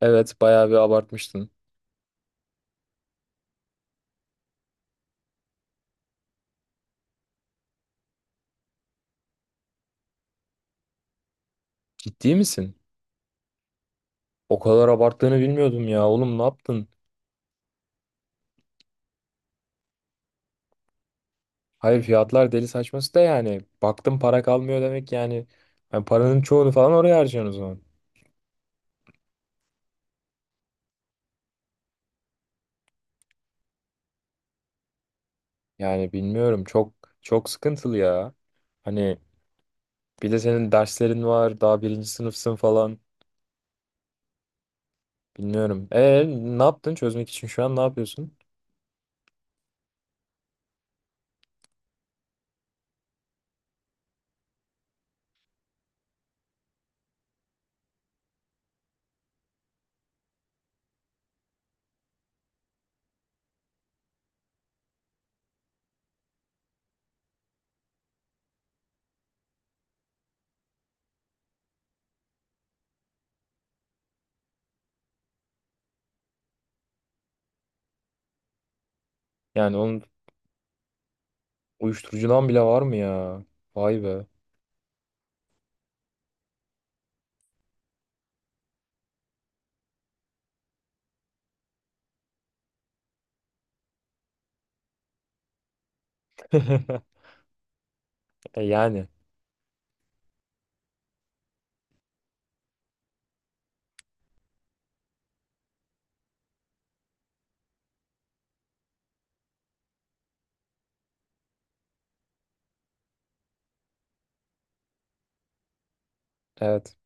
Evet bayağı bir abartmıştın. Ciddi misin? O kadar abarttığını bilmiyordum ya. Oğlum ne yaptın? Hayır fiyatlar deli saçması da yani. Baktım para kalmıyor demek yani. Hani paranın çoğunu falan oraya harcıyorsun o zaman. Yani bilmiyorum çok çok sıkıntılı ya. Hani bir de senin derslerin var daha birinci sınıfsın falan. Bilmiyorum. Ne yaptın çözmek için şu an ne yapıyorsun? Yani onun uyuşturucudan bile var mı ya? Vay be. Yani evet.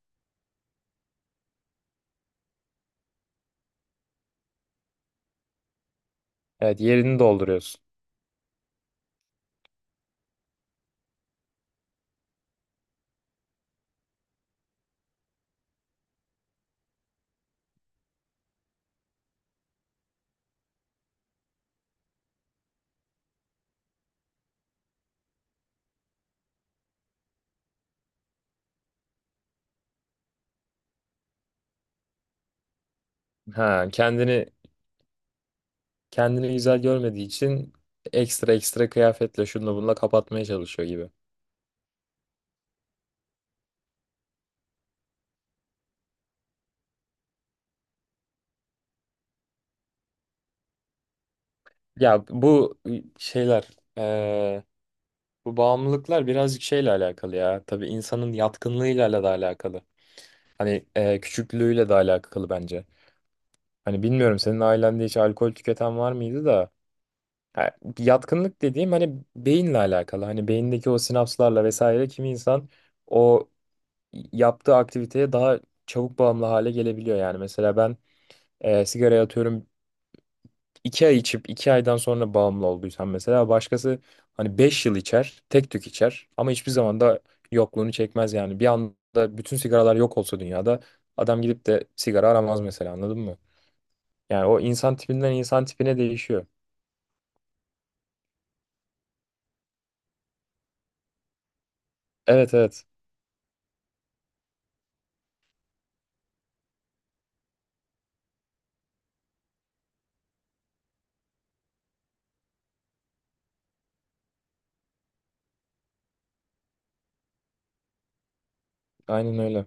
Evet yerini dolduruyorsun. Ha, kendini kendini güzel görmediği için ekstra ekstra kıyafetle şununla bununla kapatmaya çalışıyor gibi. Ya bu şeyler eee, bu bağımlılıklar birazcık şeyle alakalı ya. Tabii insanın yatkınlığıyla da alakalı. Hani küçüklüğüyle de alakalı bence. Hani bilmiyorum senin ailende hiç alkol tüketen var mıydı da ha, yatkınlık dediğim hani beyinle alakalı. Hani beyindeki o sinapslarla vesaire kimi insan o yaptığı aktiviteye daha çabuk bağımlı hale gelebiliyor yani. Mesela ben sigaraya atıyorum iki ay içip iki aydan sonra bağımlı olduysam mesela başkası hani beş yıl içer, tek tük içer ama hiçbir zaman da yokluğunu çekmez yani. Bir anda bütün sigaralar yok olsa dünyada adam gidip de sigara aramaz mesela anladın mı? Yani o insan tipinden insan tipine değişiyor. Evet evet aynen öyle.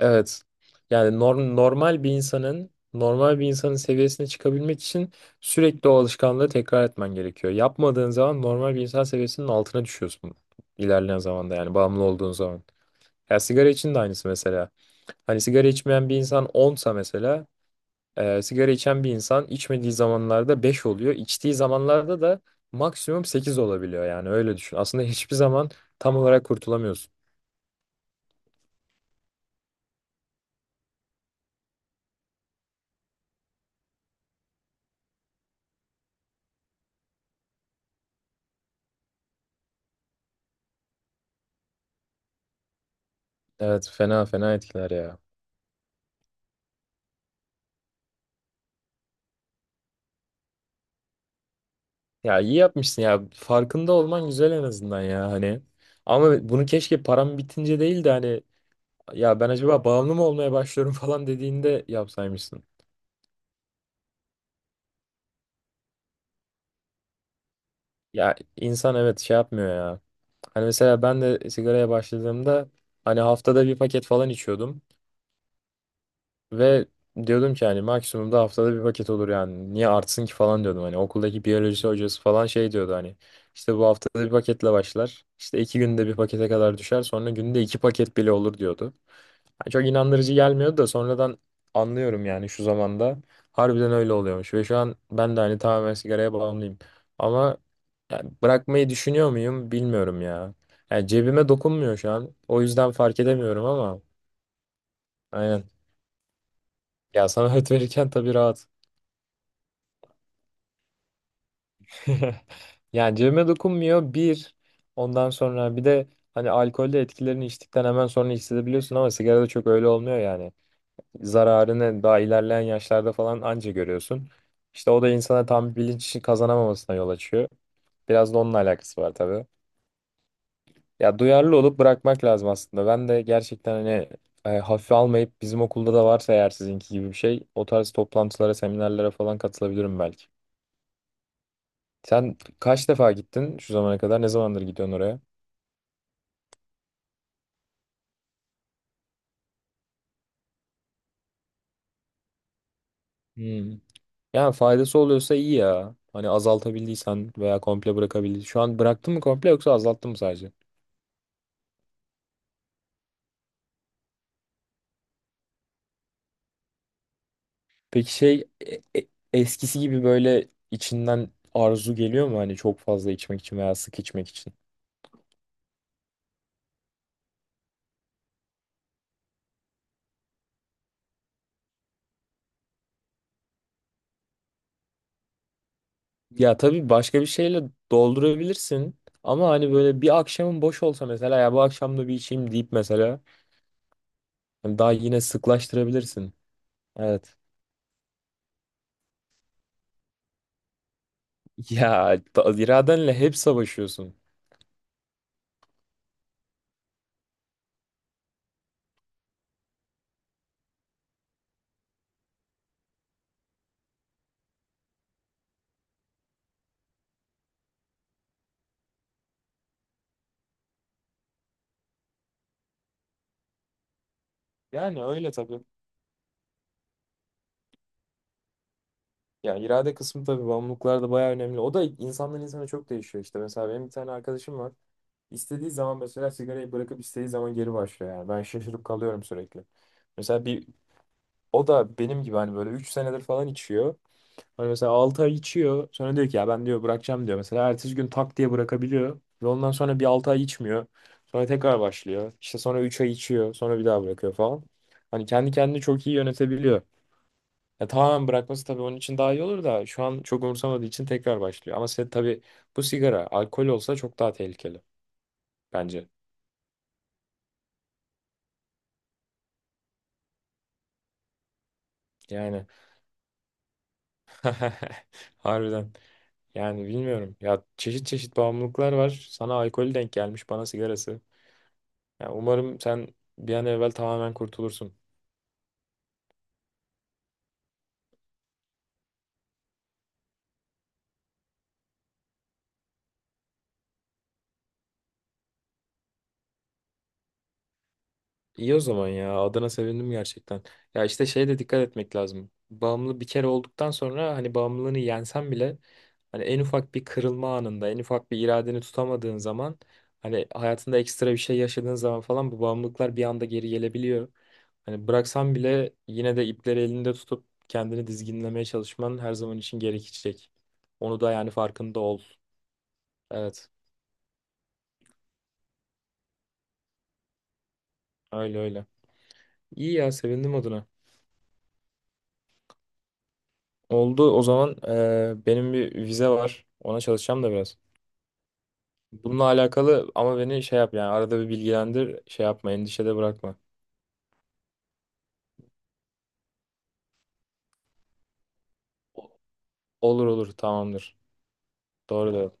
Evet. Yani normal bir insanın seviyesine çıkabilmek için sürekli o alışkanlığı tekrar etmen gerekiyor. Yapmadığın zaman normal bir insan seviyesinin altına düşüyorsun ilerleyen zamanda yani bağımlı olduğun zaman. Ya sigara için de aynısı mesela. Hani sigara içmeyen bir insan 10'sa mesela sigara içen bir insan içmediği zamanlarda 5 oluyor. İçtiği zamanlarda da maksimum 8 olabiliyor yani öyle düşün. Aslında hiçbir zaman tam olarak kurtulamıyorsun. Evet fena fena etkiler ya. Ya iyi yapmışsın ya. Farkında olman güzel en azından ya hani. Ama bunu keşke param bitince değil de hani ya ben acaba bağımlı mı olmaya başlıyorum falan dediğinde yapsaymışsın. Ya insan evet şey yapmıyor ya. Hani mesela ben de sigaraya başladığımda hani haftada bir paket falan içiyordum. Ve diyordum ki hani maksimum da haftada bir paket olur yani. Niye artsın ki falan diyordum. Hani okuldaki biyoloji hocası falan şey diyordu hani. İşte bu haftada bir paketle başlar. İşte iki günde bir pakete kadar düşer. Sonra günde iki paket bile olur diyordu. Yani çok inandırıcı gelmiyordu da sonradan anlıyorum yani şu zamanda. Harbiden öyle oluyormuş. Ve şu an ben de hani tamamen sigaraya bağımlıyım. Ama yani bırakmayı düşünüyor muyum bilmiyorum ya. Yani cebime dokunmuyor şu an. O yüzden fark edemiyorum ama aynen. Ya sana öğüt verirken tabii rahat. Yani cebime dokunmuyor bir. Ondan sonra bir de hani alkolde etkilerini içtikten hemen sonra hissedebiliyorsun ama sigarada çok öyle olmuyor yani. Zararını daha ilerleyen yaşlarda falan anca görüyorsun. İşte o da insana tam bilinç kazanamamasına yol açıyor. Biraz da onunla alakası var tabii. Ya duyarlı olup bırakmak lazım aslında. Ben de gerçekten hani hafife almayıp bizim okulda da varsa eğer sizinki gibi bir şey o tarz toplantılara, seminerlere falan katılabilirim belki. Sen kaç defa gittin şu zamana kadar? Ne zamandır gidiyorsun oraya? Hmm. Yani faydası oluyorsa iyi ya. Hani azaltabildiysen veya komple bırakabildiysen. Şu an bıraktın mı komple yoksa azalttın mı sadece? Peki şey eskisi gibi böyle içinden arzu geliyor mu hani çok fazla içmek için veya sık içmek için? Ya tabii başka bir şeyle doldurabilirsin ama hani böyle bir akşamın boş olsa mesela ya bu akşam da bir içeyim deyip mesela hani daha yine sıklaştırabilirsin. Evet. Ya iradenle hep savaşıyorsun. Yani öyle tabii. Ya irade kısmı tabii bağımlılıklar da bayağı önemli. O da insandan insana çok değişiyor işte. Mesela benim bir tane arkadaşım var. İstediği zaman mesela sigarayı bırakıp istediği zaman geri başlıyor yani. Ben şaşırıp kalıyorum sürekli. Mesela bir o da benim gibi hani böyle 3 senedir falan içiyor. Hani mesela 6 ay içiyor. Sonra diyor ki ya ben diyor bırakacağım diyor. Mesela ertesi gün tak diye bırakabiliyor. Ve ondan sonra bir 6 ay içmiyor. Sonra tekrar başlıyor. İşte sonra 3 ay içiyor. Sonra bir daha bırakıyor falan. Hani kendi kendini çok iyi yönetebiliyor. Ya tamamen bırakması tabii onun için daha iyi olur da şu an çok umursamadığı için tekrar başlıyor. Ama sen tabii bu sigara alkol olsa çok daha tehlikeli bence. Yani harbiden yani bilmiyorum ya çeşit çeşit bağımlılıklar var. Sana alkolü denk gelmiş bana sigarası. Ya umarım sen bir an evvel tamamen kurtulursun. İyi o zaman ya. Adına sevindim gerçekten. Ya işte şeye de dikkat etmek lazım. Bağımlı bir kere olduktan sonra hani bağımlılığını yensen bile hani en ufak bir kırılma anında, en ufak bir iradeni tutamadığın zaman hani hayatında ekstra bir şey yaşadığın zaman falan bu bağımlılıklar bir anda geri gelebiliyor. Hani bıraksan bile yine de ipleri elinde tutup kendini dizginlemeye çalışman her zaman için gerekecek. Onu da yani farkında ol. Evet, öyle öyle. İyi ya, sevindim adına. Oldu. O zaman benim bir vize var. Ona çalışacağım da biraz. Bununla alakalı ama beni şey yap yani arada bir bilgilendir. Şey yapma, endişede bırakma. Olur olur tamamdır. Doğru da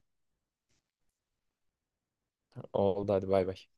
oldu hadi bay bay.